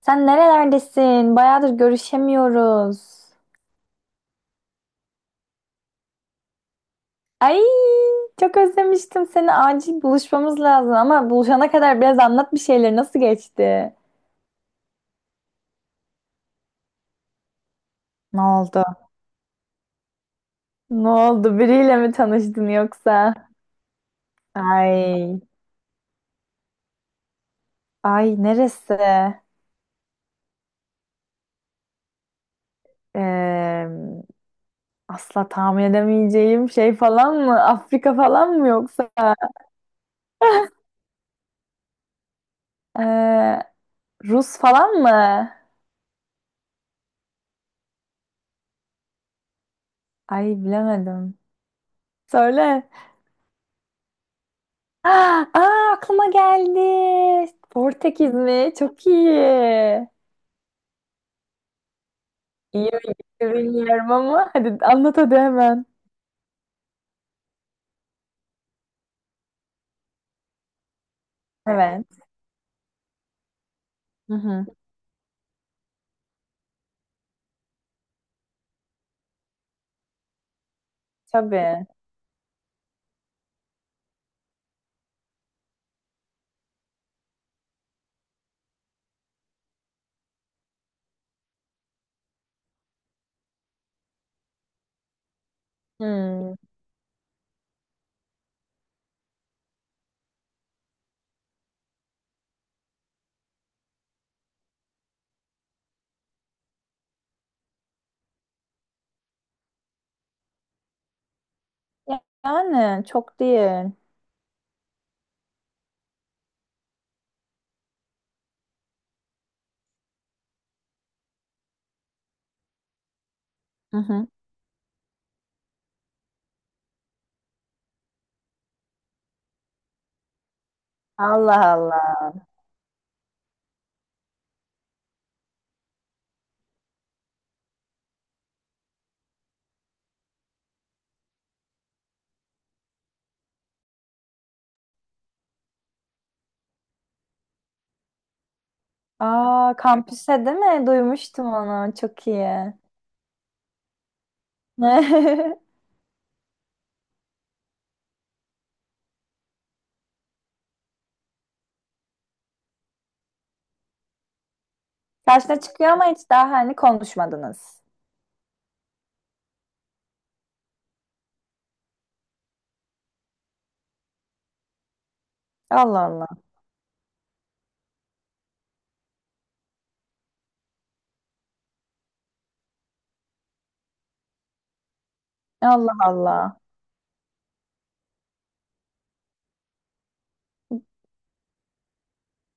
Sen nerelerdesin? Bayağıdır görüşemiyoruz. Ay, çok özlemiştim seni. Acil buluşmamız lazım ama buluşana kadar biraz anlat bir şeyler. Nasıl geçti? Ne oldu? Ne oldu? Biriyle mi tanıştın yoksa? Ay, ay neresi? Ee, Asla tahmin edemeyeceğim şey falan mı? Afrika falan mı yoksa? Ee, Rus falan mı? Ay bilemedim. Söyle. Aa, aa, aklıma geldi. Portekiz mi? Çok iyi. İyi bilgi bilmiyorum ama hadi anlat hadi hemen. Evet. Hı hı. Tabii. Hmm. Yani çok değil. Hı hı. Allah Allah. Aa, kampüse değil mi? Duymuştum onu. Çok iyi. Karşına çıkıyor ama hiç daha hani konuşmadınız. Allah Allah. Allah Allah.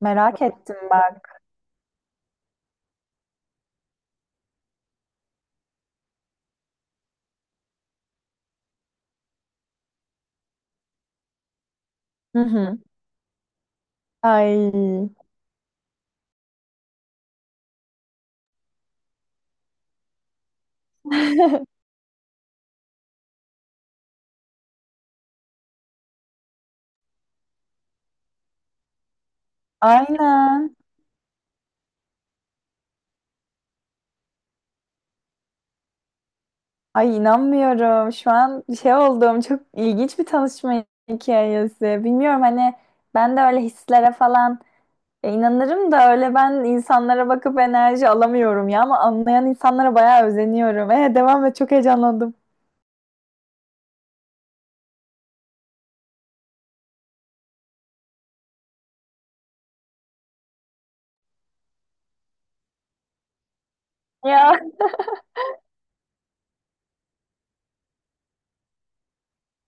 Merak ettim bak. Hı hı. Ay. Aynen. Ay inanmıyorum. Şu an şey oldum. Çok ilginç bir tanışma hikayesi. Bilmiyorum hani ben de öyle hislere falan inanırım da öyle ben insanlara bakıp enerji alamıyorum ya ama anlayan insanlara bayağı özeniyorum. E, devam et çok heyecanlandım. Ya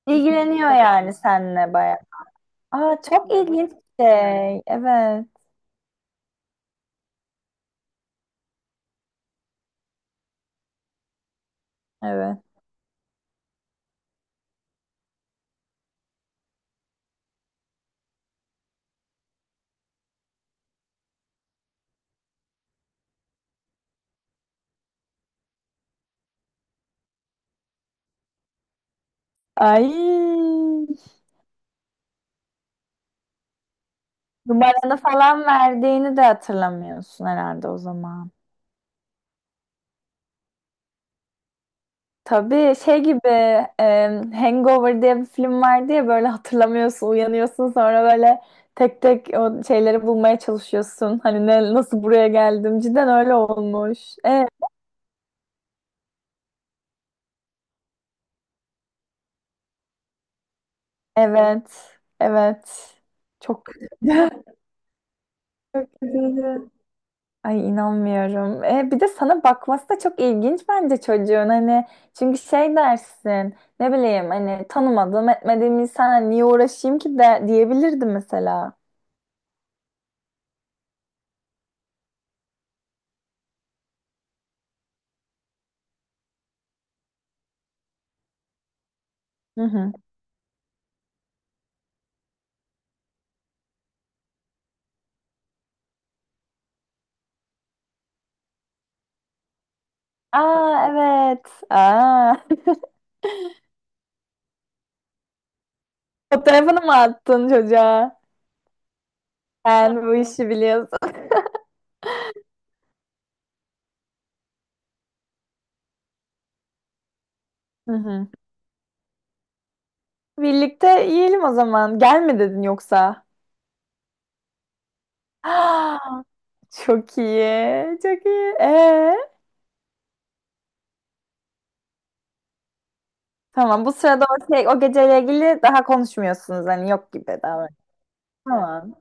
ilgileniyor yani seninle bayağı. Aa çok ilginç bir şey. Evet. Evet. Ay numaranı falan verdiğini de hatırlamıyorsun herhalde o zaman. Tabii şey gibi e, Hangover diye bir film vardı ya böyle hatırlamıyorsun, uyanıyorsun sonra böyle tek tek o şeyleri bulmaya çalışıyorsun. Hani ne, nasıl buraya geldim? Cidden öyle olmuş. E, evet. Evet. Çok kötü. Çok kötüydü. Ay inanmıyorum. E, bir de sana bakması da çok ilginç bence çocuğun hani çünkü şey dersin ne bileyim hani tanımadığım etmediğim insan niye uğraşayım ki de diyebilirdi mesela. Hı hı. Aa evet. Aa. Fotoğrafını mı attın çocuğa? Sen bu işi biliyorsun. Hı hı. Birlikte yiyelim o zaman. Gel mi dedin yoksa? Ah, çok iyi. Çok iyi. Tamam bu sırada o, şey, o geceyle ilgili daha konuşmuyorsunuz. Hani yok gibi davran. Tamam.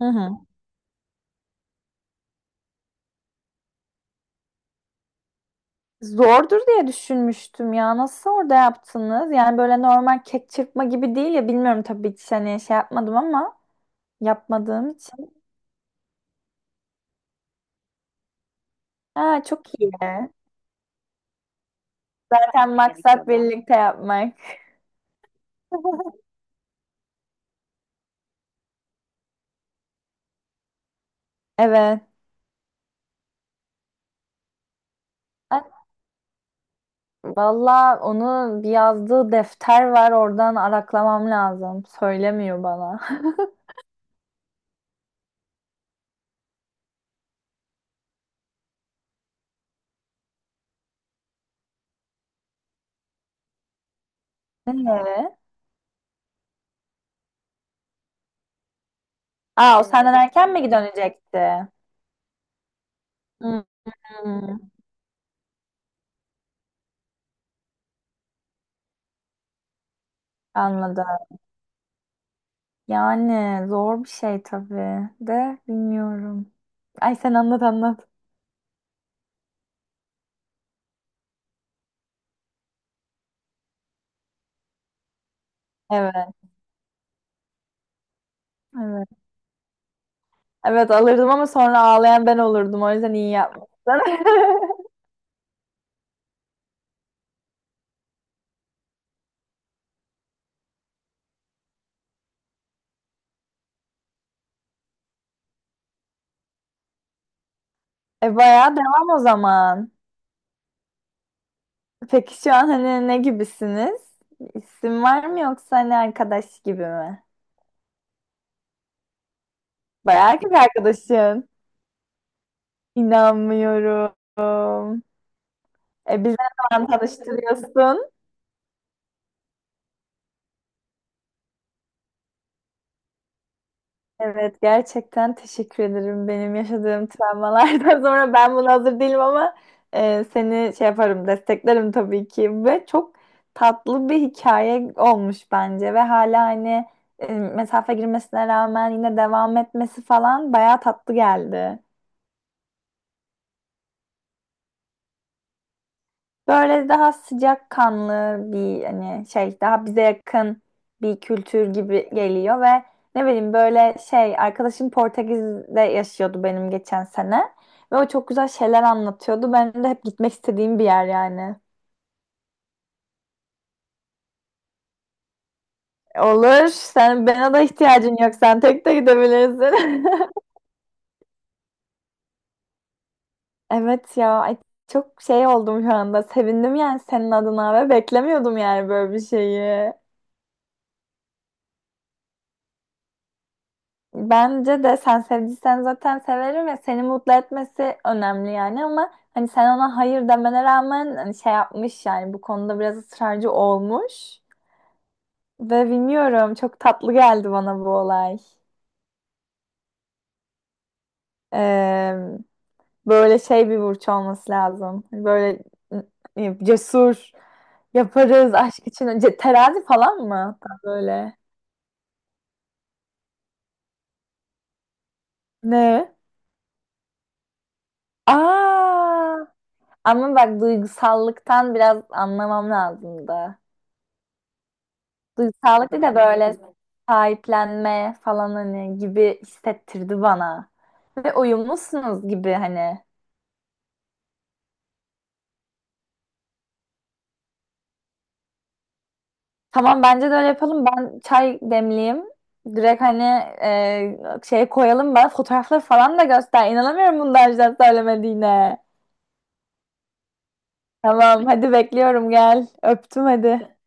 Hı hı. Zordur diye düşünmüştüm ya. Nasıl orada yaptınız? Yani böyle normal kek çırpma gibi değil ya. Bilmiyorum tabii hiç hani şey yapmadım ama yapmadığım için. Aa, çok iyi. Zaten maksat birlikte yapmak. Evet. Valla onu bir yazdığı defter var oradan araklamam lazım. Söylemiyor bana. Evet. Aa o senden erken mi dönecekti? Hmm, anladım. Yani zor bir şey tabii de bilmiyorum. Ay sen anlat anlat. Evet. Evet. Evet alırdım ama sonra ağlayan ben olurdum. O yüzden iyi yapmışsın. E bayağı devam o zaman. Peki şu an hani ne gibisiniz? İsim var mı yoksa hani arkadaş gibi mi? Bayağı erkek arkadaşın. İnanmıyorum. E bizi ne zaman tanıştırıyorsun? Evet gerçekten teşekkür ederim. Benim yaşadığım travmalardan sonra ben buna hazır değilim ama seni şey yaparım desteklerim tabii ki. Ve çok tatlı bir hikaye olmuş bence ve hala hani mesafe girmesine rağmen yine devam etmesi falan bayağı tatlı geldi. Böyle daha sıcakkanlı bir hani şey daha bize yakın bir kültür gibi geliyor ve ne bileyim böyle şey arkadaşım Portekiz'de yaşıyordu benim geçen sene ve o çok güzel şeyler anlatıyordu. Ben de hep gitmek istediğim bir yer yani. Olur. Sen bana da ihtiyacın yok. Sen tek de gidebilirsin. Evet ya ay çok şey oldum şu anda. Sevindim yani senin adına ve beklemiyordum yani böyle bir şeyi. Bence de sen sevdiysen zaten severim ve seni mutlu etmesi önemli yani ama hani sen ona hayır demene rağmen hani şey yapmış yani bu konuda biraz ısrarcı olmuş ve bilmiyorum çok tatlı geldi bana bu olay. Ee, Böyle şey bir burç olması lazım. Böyle cesur yaparız aşk için. Terazi falan mı? Hatta böyle. Ne? Aa! Ama bak duygusallıktan biraz anlamam lazım da. Duygusallık değil de böyle sahiplenme falan hani gibi hissettirdi bana. Ve uyumlusunuz gibi hani. Tamam bence de öyle yapalım. Ben çay demleyeyim. Direkt hani e, şey koyalım bana fotoğrafları falan da göster. İnanamıyorum bundan önceden söylemediğine. Tamam hadi bekliyorum gel. Öptüm hadi.